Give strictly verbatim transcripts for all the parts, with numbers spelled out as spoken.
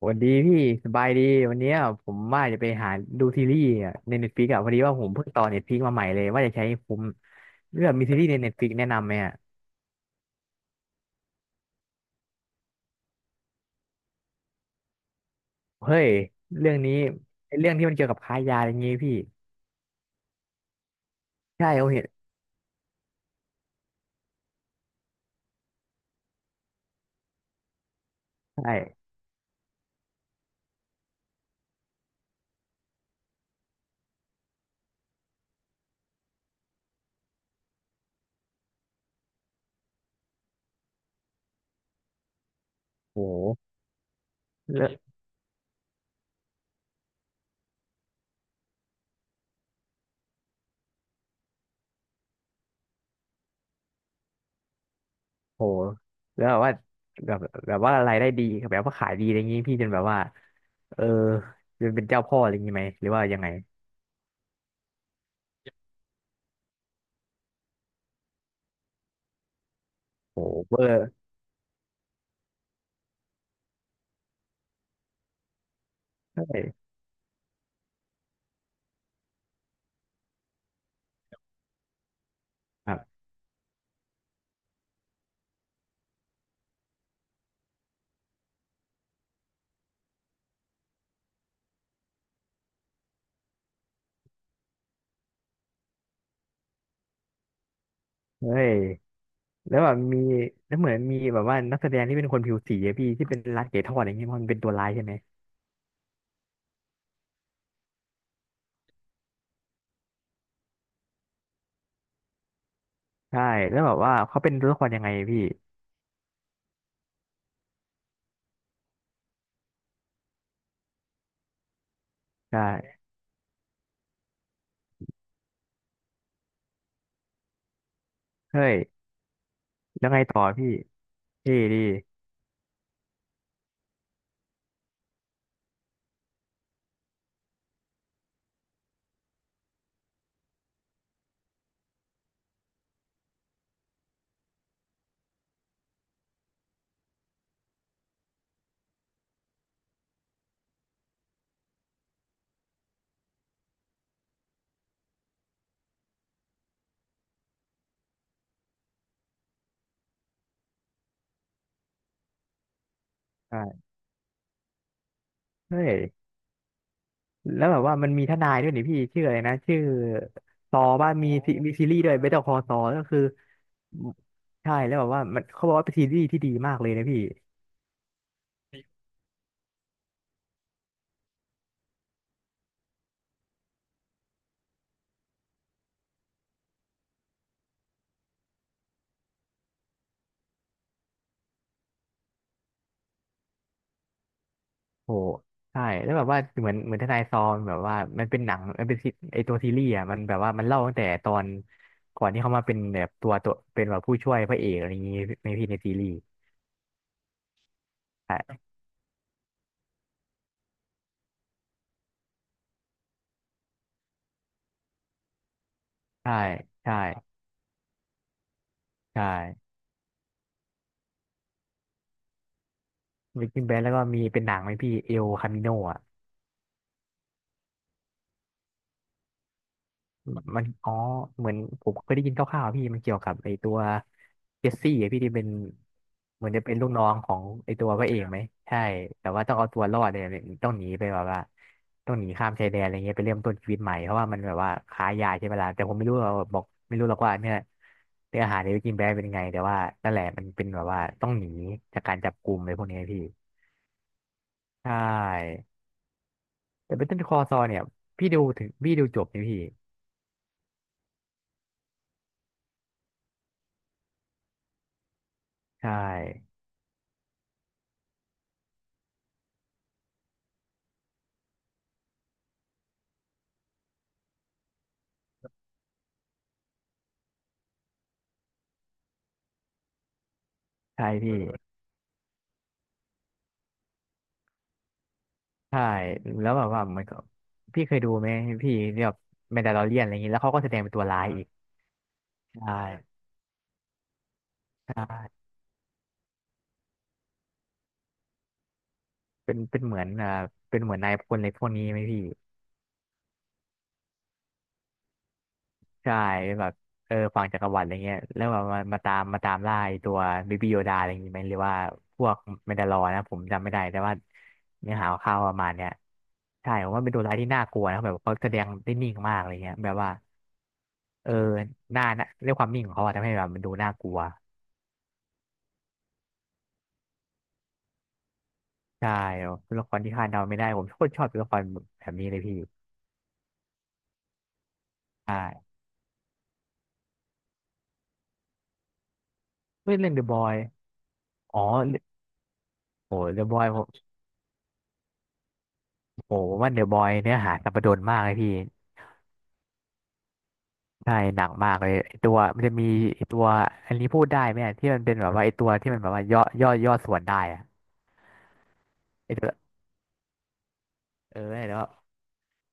สวัสดีพี่สบายดีวันเนี้ยผมว่าจะไปหาดูซีรีส์อะในเน็ตฟลิกอะพอดีว่าผมเพิ่งต่อเน็ตฟลิกมาใหม่เลยว่าจะใช้ผมเลือกมีซีรีส์ในเน็ตฟลิกแนะนำไหมอะเฮ้ยเรื่องนี้ไอ้เรื่องที่มันเกี่ยวกับค้ายาอะไรเงี้ยพี่ใช่เขาเห็นใช่โหเล้วโหแล้วแบบว่าแบบแบบว่ารายได้ดีแบบว่าขายดีอะไรเงี้ยพี่จนแบบว่าเออจนเป็นเจ้าพ่ออะไรเงี้ยไหมหรือว่ายังไงโหเบอร์ใช่ครับเฮ้ย แล้วแบบมีแล้วเหมือนมีแบบว่านักแสดงที่เป็นคนผิวสีอะพี่ที่เป็นรัดเก๋ทอดอย่างเงี้ยเพราะมันเป็นตัวร้ายใช่ไหมใช่แล้วแบบว่าเขาเป็นตัวละครยังไงพี่ใช่เฮ้ยแล้วไงต่อพี่เท่ดีใช่เฮ้ยแล้วแบบว่ามันมีทนายด้วยนี่พี่ชื่ออะไรนะชื่อซอบ้ามีซีมีซีรีส์ด้วยเบเตอร์คอซอก็คือใช่แล้วแบบว่ามันเขาบอกว่าเป็นซีรีส์ที่ดีมากเลยนะพี่ โหใช่แล้วแบบว่าเหมือนเหมือนทนายซอมแบบว่ามันเป็นหนังมันเป็นซีไอตัวซีรีส์อ่ะมันแบบว่ามันเล่าตั้งแต่ตอนก่อนที่เขามาเป็นแบบตัวตัวเป็นแบบผู้ช่วยพระเอกอะไรอย่างงี้ในพี่ในซีรีส์ใช่ใช่ใช่ใช่เบกกิ้งแบนแล้วก็มีเป็นหนังไหมพี่เอลคามิโนอ่ะ มันอ๋อเหมือนผมเคยได้ยินคร่าวๆอะพี่มันเกี่ยวกับไอตัวเจสซี่อะพี่ที่เป็นเหมือนจะเป็นลูกน้องของไอตัวพระเอกไหมใช่แต่ว่าต้องเอาตัวรอดเนี่ยต้องหนีไปแบบว่าต้องหนีข้ามชายแดนอะไรเงี้ยไปเริ่มต้นชีวิตใหม่เพราะว่ามันแบบว่าค้ายาใช่ไหมล่ะแต่ผมไม่รู้หรอกบอกไม่รู้หรอกว่าเนี่ยเนื้อหาในวิกินแบร์เป็นยังไงแต่ว่านั่นแหละมันเป็นแบบว่าต้องหนีจากการจับกลุ่มอะไรพวกนี้พี่ใช่แต่เป็นต้นคอซอเนี่ยพี่ดูถึงพี่ดูจบไหมพี่ใช่ใช่พี่ ใช่แล้วแบบว่ามันก็พี่เคยดูไหมพี่ที่แบบแมนดาลอเรียนอะไรอย่างนี้แล้วเขาก็แสดงเป็นตัวร้ายอ่อีกใช่ใช่เป็นเป็นเหมือนอ่าเป็นเหมือนนายพลอะไรพวกนี้ไหมพี่ใช่เป็นแบบเออฝั่งจักรวรรดิอะไรเงี้ยแล้วแบบมามาตามมาตามล่าไอ้ตัวบิบิโยดาอะไรอย่างงี้ไหมหรือว่าพวกแมนดาลอนะผมจำไม่ได้แต่ว่าเนื้อหาข่าวๆประมาณเนี้ยใช่ผมว่าเป็นตัวร้ายที่น่ากลัวนะแบบเขาแสดงได้นิ่งมากอะไรเงี้ยแบบว่าเออหน้าหน้าด้วยความนิ่งของเขาอะทำให้แบบมันดูน่ากลัว ใช่เป็นละครที่คาดเดาไม่ได้ผมโคตรชอบเป็ละครแบบนี้เลยพี่ใช่เฮ้ยเรื่องเดอะบอยอ๋อเรื่องโอ้เดอะบอยผมโอ้ผมว่าเดอะบอยเนื้อหาสัปดนมากเลยพี่ใช่หนักมากเลยไอ้ตัวมันจะมีไอ้ตัวอันนี้พูดได้ไหมอะที่มันเป็นแบบว่าไอ้ตัวที่มันแบบว่าย่อย่อย่อส่วนได้อะไอ้ตัวเออแล้วา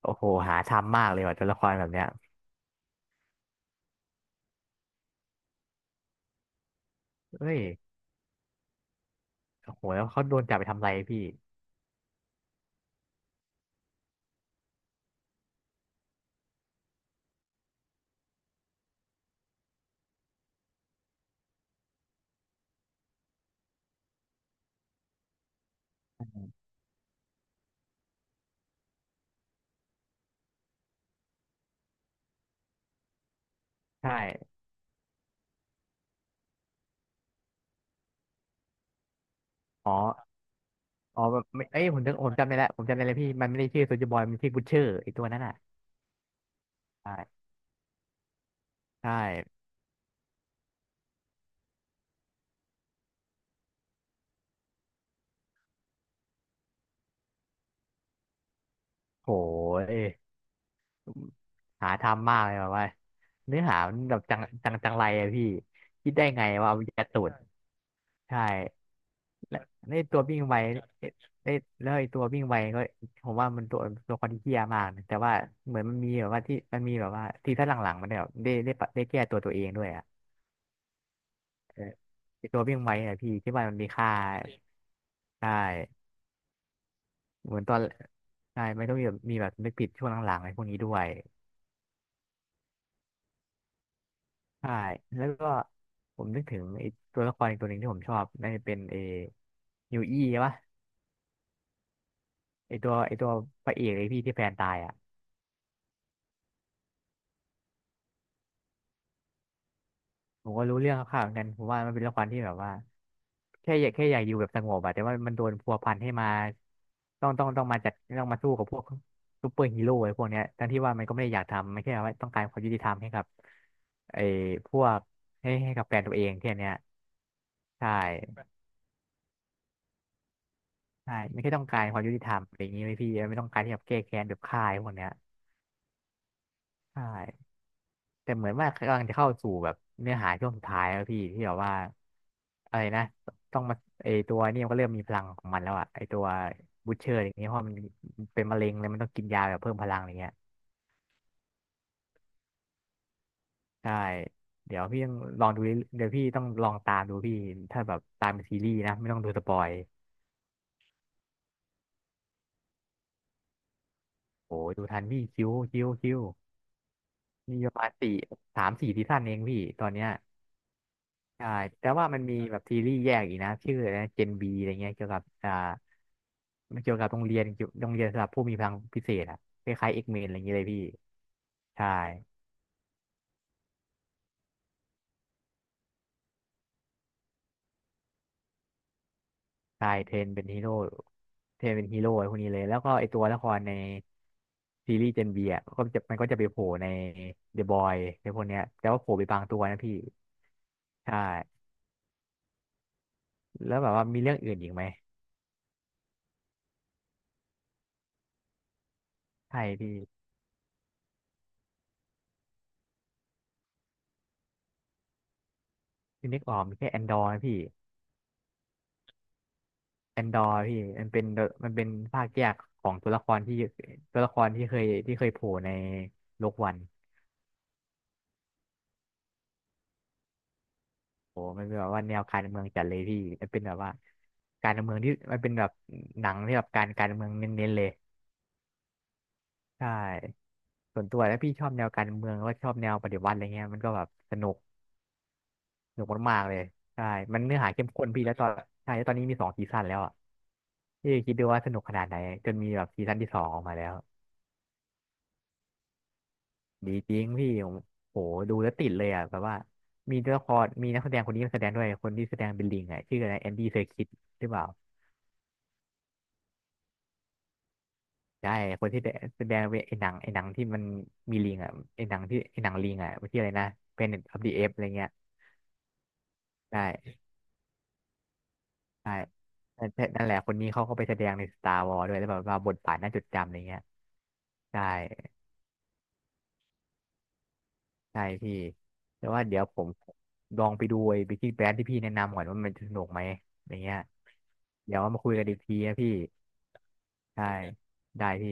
โอ้โหหาทำมากเลยว่ะตัวละครแบบเนี้ยเอ้ยโอ้โหแล้วเขาโดนจับไปทำอะไรพี่ใช่อ๋ออ๋อแบบไม่เอ้ยผมจำผมจำได้แล้วผมจำได้แล้วพี่มันไม่ได้ชื่อโซลเจอร์บอยมันชื่อบูชเชอร์ไอ้ตัวนั้นอ่ะ ใช่โหยหาทำมากเลยแบบว่าเนื้อหามันแบบจังจังจังไรอะพี่คิดได้ไงว่าเอายัดตูนใช่และไอ้ตัววิ่งไวไอ้ไอ้แล้วไอ้ตัววิ่งไวก็ผมว่ามันตัวตัวคนที่เหี้ยมากนะแต่ว่าเหมือนมันมีแบบว่าที่มันมีแบบว่าที่ถ้าหลังๆมันเนี่ยแบบได้ได้ปะได้แก้ตัวตัวเองด้วยอะเออไอ้ตัววิ่งไวอะพี่ที่ว่ามันมีค่าใช่เหมือนตอนใช่ไม่ต้องมีแบบมีแบบนึกผิดช่วงหลังๆไอ้พวกนี้ด้วย ใช่ แล้วก็ผมนึกถึงไอ้ตัวละครอีกตัวหนึ่งที่ผมชอบน่าจะเป็นเอยูอี้ใช่ปะไอตัวไอตัวพระเอกไอพี่ที่แฟนตายอ่ะผมก็รู้เรื่องคร่าวๆเหมือนกันผมว่ามันเป็นละครที่แบบว่าแค่อยากแค่อยากอยู่แบบสงบอะแต่ว่ามันโดนพัวพันให้มาต้องต้องต้องมาจัดต้องมาสู้กับพวกซูเปอร์ฮีโร่ไอ้พวกเนี้ยทั้งที่ว่ามันก็ไม่ได้อยากทำมันแค่ว่าต้องการความยุติธรรมให้กับไอ้พวกให้ให้กับแฟนตัวเองแค่เนี้ยใช่ ใช่ไม่ใช่ต้องการความยุติธรรมอะไรอย่างนี้ไหมพี่ไม่ต้องการที่แบบแก้แค้นแบบฆ่าไอ้พวกเนี้ยใช่แต่เหมือนว่ากำลังจะเข้าสู่แบบเนื้อหาช่วงสุดท้ายแล้วพี่ที่แบบว่าอะไรนะต้องมาไอตัวนี่มันก็เริ่มมีพลังของมันแล้วอะไอตัวบูชเชอร์อย่างเงี้ยเพราะมันเป็นมะเร็งเลยมันต้องกินยาแบบเพิ่มพลังอะไรเงี้ยใช่เดี๋ยวพี่ต้องลองดูเรื่อยเดี๋ยวพี่ต้องลองตามดูพี่ถ้าแบบตามเป็นซีรีส์นะไม่ต้องดูสปอยโอ้ดูทันพี่คิ้วคิ้วคิ้วมีประมาณสี่สามสี่ซีซั่นเองพี่ตอนเนี้ย ใช่แต่ว่ามันมีแบบซีรีส์แยกอีกนะชื่ออะไรนะเจนบีอะไรเงี้ยเกี่ยวกับอ่ามันเกี่ยวกับโรงเรียนเกี่ยวโรงเรียนสำหรับผู้มีพลังพิเศษอะคล้ายๆเอ็กเมนอะไรอย่างเงี้ยเลยพี่ใช่ใช่เทรนเป็นฮีโร่เทรนเป็นฮีโร่ไอ้พวกนี้เลยแล้วก็ไอตัวละครในซีรีส์เจนบีอะก็จะมันก็จะไปโผล่ในเดอะบอยในพวกเนี้ยแต่ว่าโผล่ไปบางตัวนะพี่ใช่แล้วแบบว่ามีเรื่องอื่นอีกไหมใช่พี่ที่นึกออกมีแค่แอนดอร์นะพี่ แอนดอร์พี่มันเป็นมันเป็นภาคแยกของตัวละครที่ตัวละครที่เคยที่เคยโผล่ในโลกวันโอ้มันเป็นแบบว่าแนวการเมืองจัดเลยพี่มันเป็นแบบว่าการเมืองที่มันเป็นแบบหนังที่แบบการการเมืองเน้นๆเลยใช่ส่วนตัวแล้วพี่ชอบแนวการเมืองแล้วก็ชอบแนวปฏิวัติอะไรเงี้ยมันก็แบบสนุกสนุกมากๆเลยใช่มันเนื้อหาเข้มข้นพี่แล้วตอนใช่แล้วตอนนี้มีสองซีซั่นแล้วอ่ะพี่คิดดูว่าสนุกขนาดไหนจนมีแบบซีซั่นที่สองออกมาแล้ว ดีจริงพี่ผมโหดูแล้วติดเลยอ่ะแบบว่ามีตัวละครมีนักแสดงคนนี้มาแสดงด้วยคนที่แสดงเป็นลิงอ่ะชื่ออะไรแอนดี้เซอร์คิสหรือเปล่าใช่คนที่แสดงเป็นไอ้หนังไอ้หนังที่มันมีลิงอ่ะไอ้หนังที่ไอ้หนังลิงอ่ะมันชื่ออะไรนะเพนเน็ตออฟเดอะเอฟอะไรเงี้ยใช่ใช่นั่นนั่นแหละคนนี้เขาก็ไปแสดงในสตาร์วอร์ด้วยแล้วแบบว่าบทบาทน่าจดจำอะไรเงี้ยใช่ ใช่พี่แต่ว่าเดี๋ยวผมลองไปดูไอ้บิกกิ้งแบรนที่พี่แนะนำก่อนว่ามันสนุกไหมอย่างเงี้ยเดี๋ยวมาคุยกันอีกทีนะพี่ใช่ได้พี่